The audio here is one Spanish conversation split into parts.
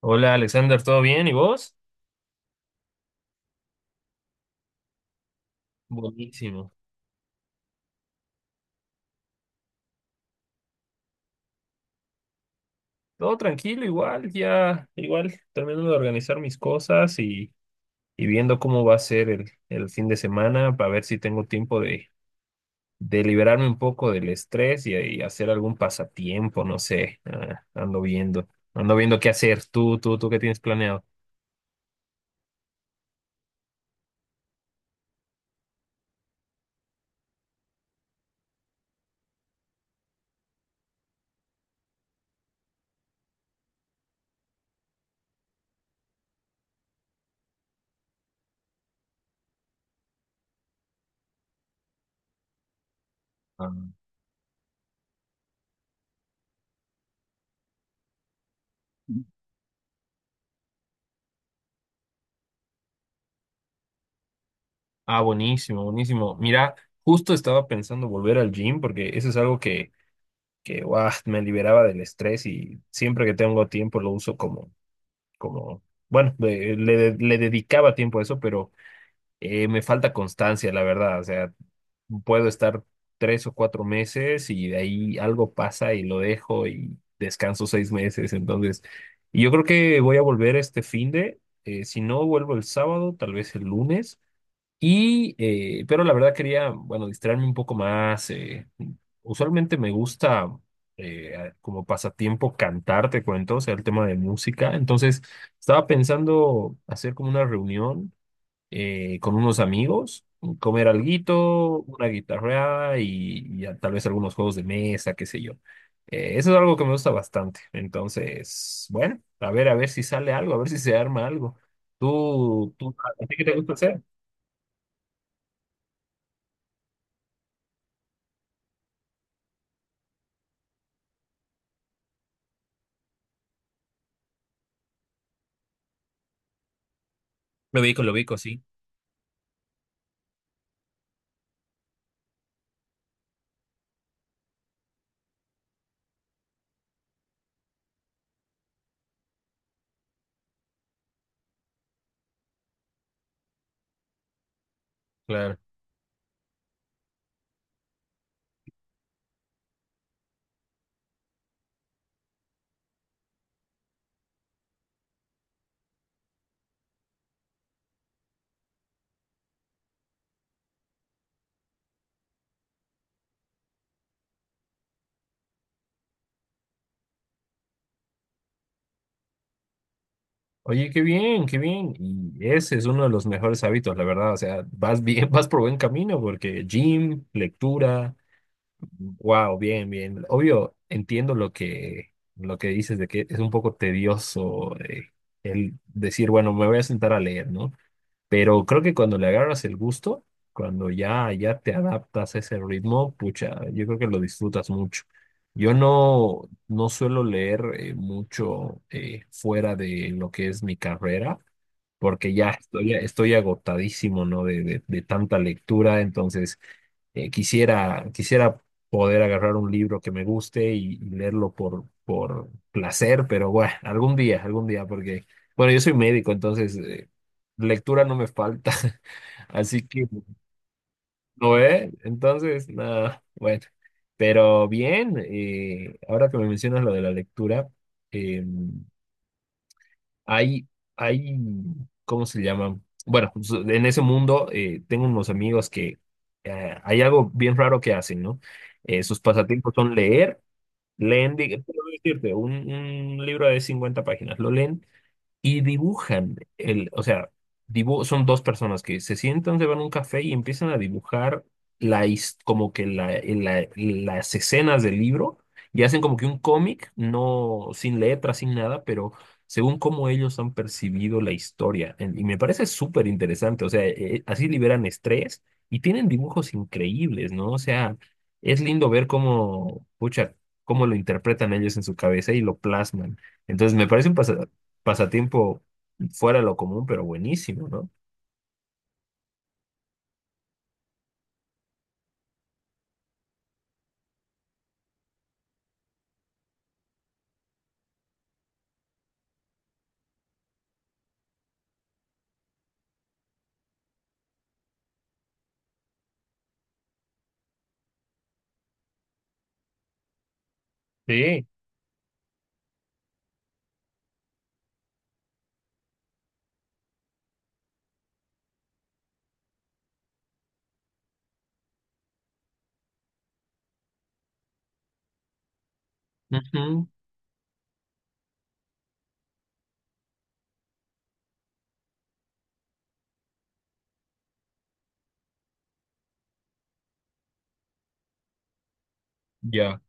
Hola Alexander, ¿todo bien? ¿Y vos? Buenísimo. Todo tranquilo, igual, ya, igual, terminando de organizar mis cosas y viendo cómo va a ser el fin de semana para ver si tengo tiempo de liberarme un poco del estrés y hacer algún pasatiempo, no sé. Ah, ando viendo qué hacer. ¿Qué tienes planeado? Ah. Ah, buenísimo, buenísimo. Mira, justo estaba pensando volver al gym porque eso es algo que guau, me liberaba del estrés y siempre que tengo tiempo lo uso como, bueno, le dedicaba tiempo a eso, pero me falta constancia, la verdad. O sea, puedo estar 3 o 4 meses y de ahí algo pasa y lo dejo y descanso 6 meses. Entonces, y yo creo que voy a volver si no vuelvo el sábado, tal vez el lunes. Y, pero la verdad quería, bueno, distraerme un poco más. Usualmente me gusta como pasatiempo cantar, te cuento, o sea, el tema de música. Entonces, estaba pensando hacer como una reunión con unos amigos, comer alguito, una guitarra y tal vez algunos juegos de mesa, qué sé yo. Eso es algo que me gusta bastante. Entonces, bueno, a ver si sale algo, a ver si se arma algo. ¿Tú, tú, a ti qué te gusta hacer? Lo ubico, sí, claro. Oye, qué bien, qué bien. Y ese es uno de los mejores hábitos, la verdad. O sea, vas bien, vas por buen camino porque gym, lectura, wow, bien, bien. Obvio, entiendo lo que dices de que es un poco tedioso el decir, bueno, me voy a sentar a leer, ¿no? Pero creo que cuando le agarras el gusto, cuando ya te adaptas a ese ritmo, pucha, yo creo que lo disfrutas mucho. Yo no suelo leer mucho fuera de lo que es mi carrera, porque ya estoy agotadísimo, ¿no? De tanta lectura, entonces quisiera, quisiera poder agarrar un libro que me guste y leerlo por placer, pero bueno, algún día, porque, bueno, yo soy médico, entonces lectura no me falta. Así que, ¿no eh? Entonces, nada, bueno. Pero bien, ahora que me mencionas lo de la lectura, eh, hay, hay, ¿cómo se llama? Bueno, pues, en ese mundo tengo unos amigos que hay algo bien raro que hacen, ¿no? Sus pasatiempos son leer, leen, digo, te decirte, un libro de 50 páginas, lo leen y dibujan o sea, son dos personas que se sientan, se van a un café y empiezan a dibujar como que las escenas del libro y hacen como que un cómic, no sin letras, sin nada, pero según cómo ellos han percibido la historia. Y me parece súper interesante, o sea, así liberan estrés y tienen dibujos increíbles, ¿no? O sea, es lindo ver cómo, pucha, cómo lo interpretan ellos en su cabeza y lo plasman. Entonces, me parece pasatiempo fuera de lo común, pero buenísimo, ¿no? Sí. Ujú. Ya,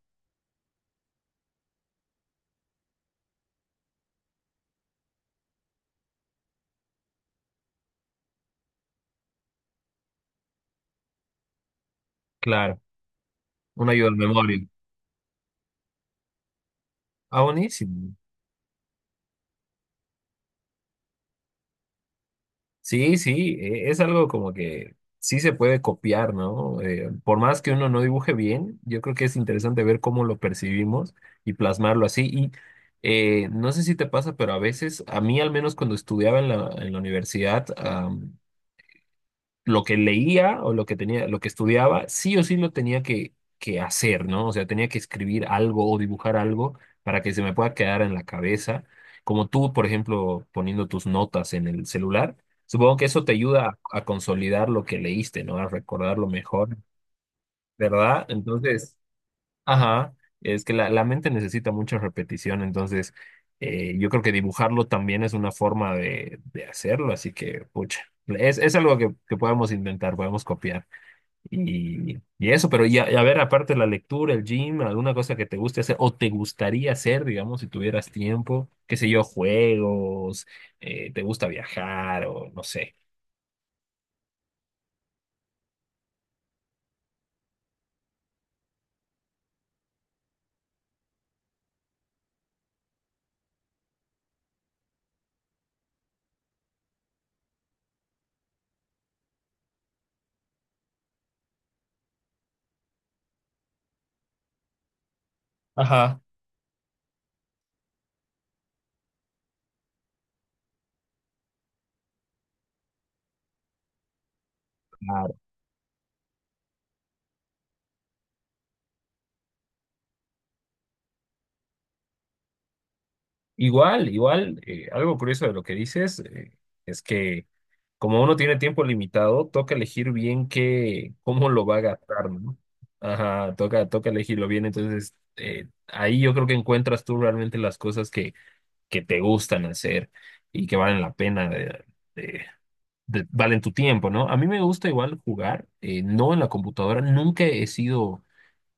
claro. Una ayuda al memoria. Ah, buenísimo. Sí, sí, es algo como que sí se puede copiar, ¿no? Por más que uno no dibuje bien, yo creo que es interesante ver cómo lo percibimos y plasmarlo así. Y no sé si te pasa, pero a veces, a mí al menos cuando estudiaba en la universidad, lo que leía o lo que tenía, lo que estudiaba, sí o sí lo tenía que hacer, ¿no? O sea, tenía que escribir algo o dibujar algo para que se me pueda quedar en la cabeza. Como tú, por ejemplo, poniendo tus notas en el celular, supongo que eso te ayuda a consolidar lo que leíste, ¿no? A recordarlo mejor, ¿verdad? Entonces... Ajá, es que la mente necesita mucha repetición, entonces yo creo que dibujarlo también es una forma de hacerlo, así que, pucha, es algo que podemos intentar, podemos copiar. Y eso, pero ya, a ver, aparte de la lectura, el gym, alguna cosa que te guste hacer o te gustaría hacer, digamos, si tuvieras tiempo, qué sé yo, juegos, te gusta viajar o no sé. Ajá. Claro. Igual, igual, algo curioso de lo que dices es que como uno tiene tiempo limitado, toca elegir bien qué, cómo lo va a gastar, ¿no? Ajá, toca, toca elegirlo bien. Entonces, ahí yo creo que encuentras tú realmente las cosas que te gustan hacer y que valen la pena de- valen tu tiempo, ¿no? A mí me gusta igual jugar, no en la computadora, nunca he sido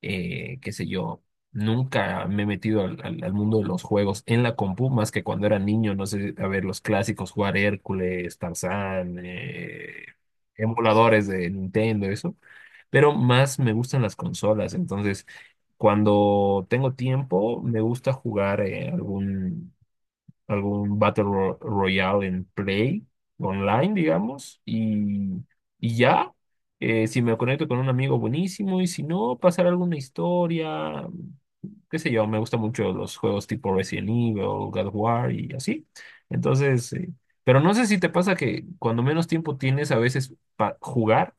qué sé yo, nunca me he metido al mundo de los juegos en la compu, más que cuando era niño, no sé, a ver, los clásicos, jugar Hércules, Tarzán, emuladores de Nintendo, eso, pero más me gustan las consolas, entonces cuando tengo tiempo me gusta jugar algún Battle Royale en Play, online, digamos, y ya, si me conecto con un amigo, buenísimo, y si no, pasar alguna historia, qué sé yo, me gustan mucho los juegos tipo Resident Evil, God of War y así. Entonces, pero no sé si te pasa que cuando menos tiempo tienes a veces para jugar,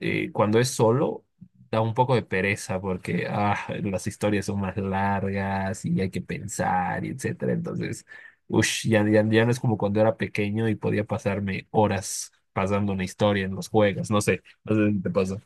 cuando es solo, da un poco de pereza porque ah, las historias son más largas y hay que pensar y etcétera. Entonces, ush, ya no es como cuando era pequeño y podía pasarme horas pasando una historia en los juegos. No sé, no sé si te pasa.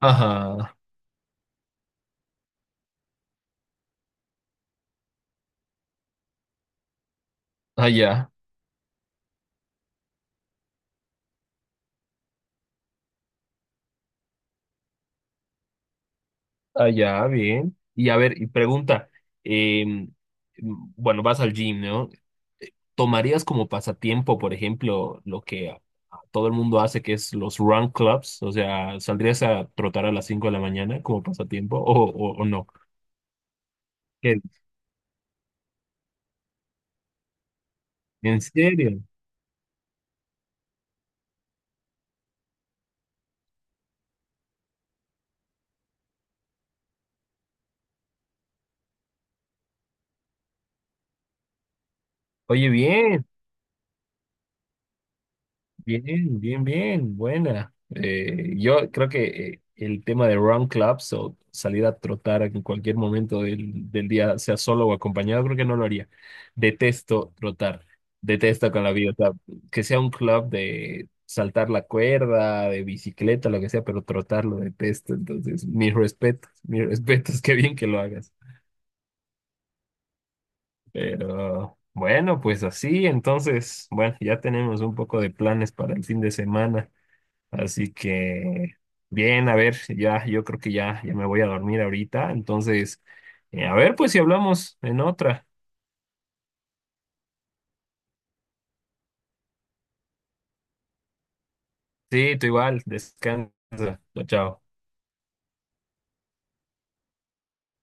Ajá, allá, allá, bien. Y a ver, y pregunta, em, bueno, vas al gym, ¿no? ¿Tomarías como pasatiempo, por ejemplo, lo que a todo el mundo hace, que es los run clubs? O sea, ¿saldrías a trotar a las 5 de la mañana como pasatiempo o no? ¿Qué? ¿En serio? Oye, bien. Bien, bien, bien, buena. Yo creo que el tema de run clubs o salir a trotar en cualquier momento del día, sea solo o acompañado, creo que no lo haría. Detesto trotar, detesto con la vida. O sea, que sea un club de saltar la cuerda, de bicicleta, lo que sea, pero trotar lo detesto. Entonces, mis respetos, qué bien que lo hagas. Pero bueno, pues así, entonces, bueno, ya tenemos un poco de planes para el fin de semana. Así que, bien, a ver, ya, yo creo que ya me voy a dormir ahorita. Entonces, a ver, pues si hablamos en otra. Sí, tú igual, descansa. Chao, chao.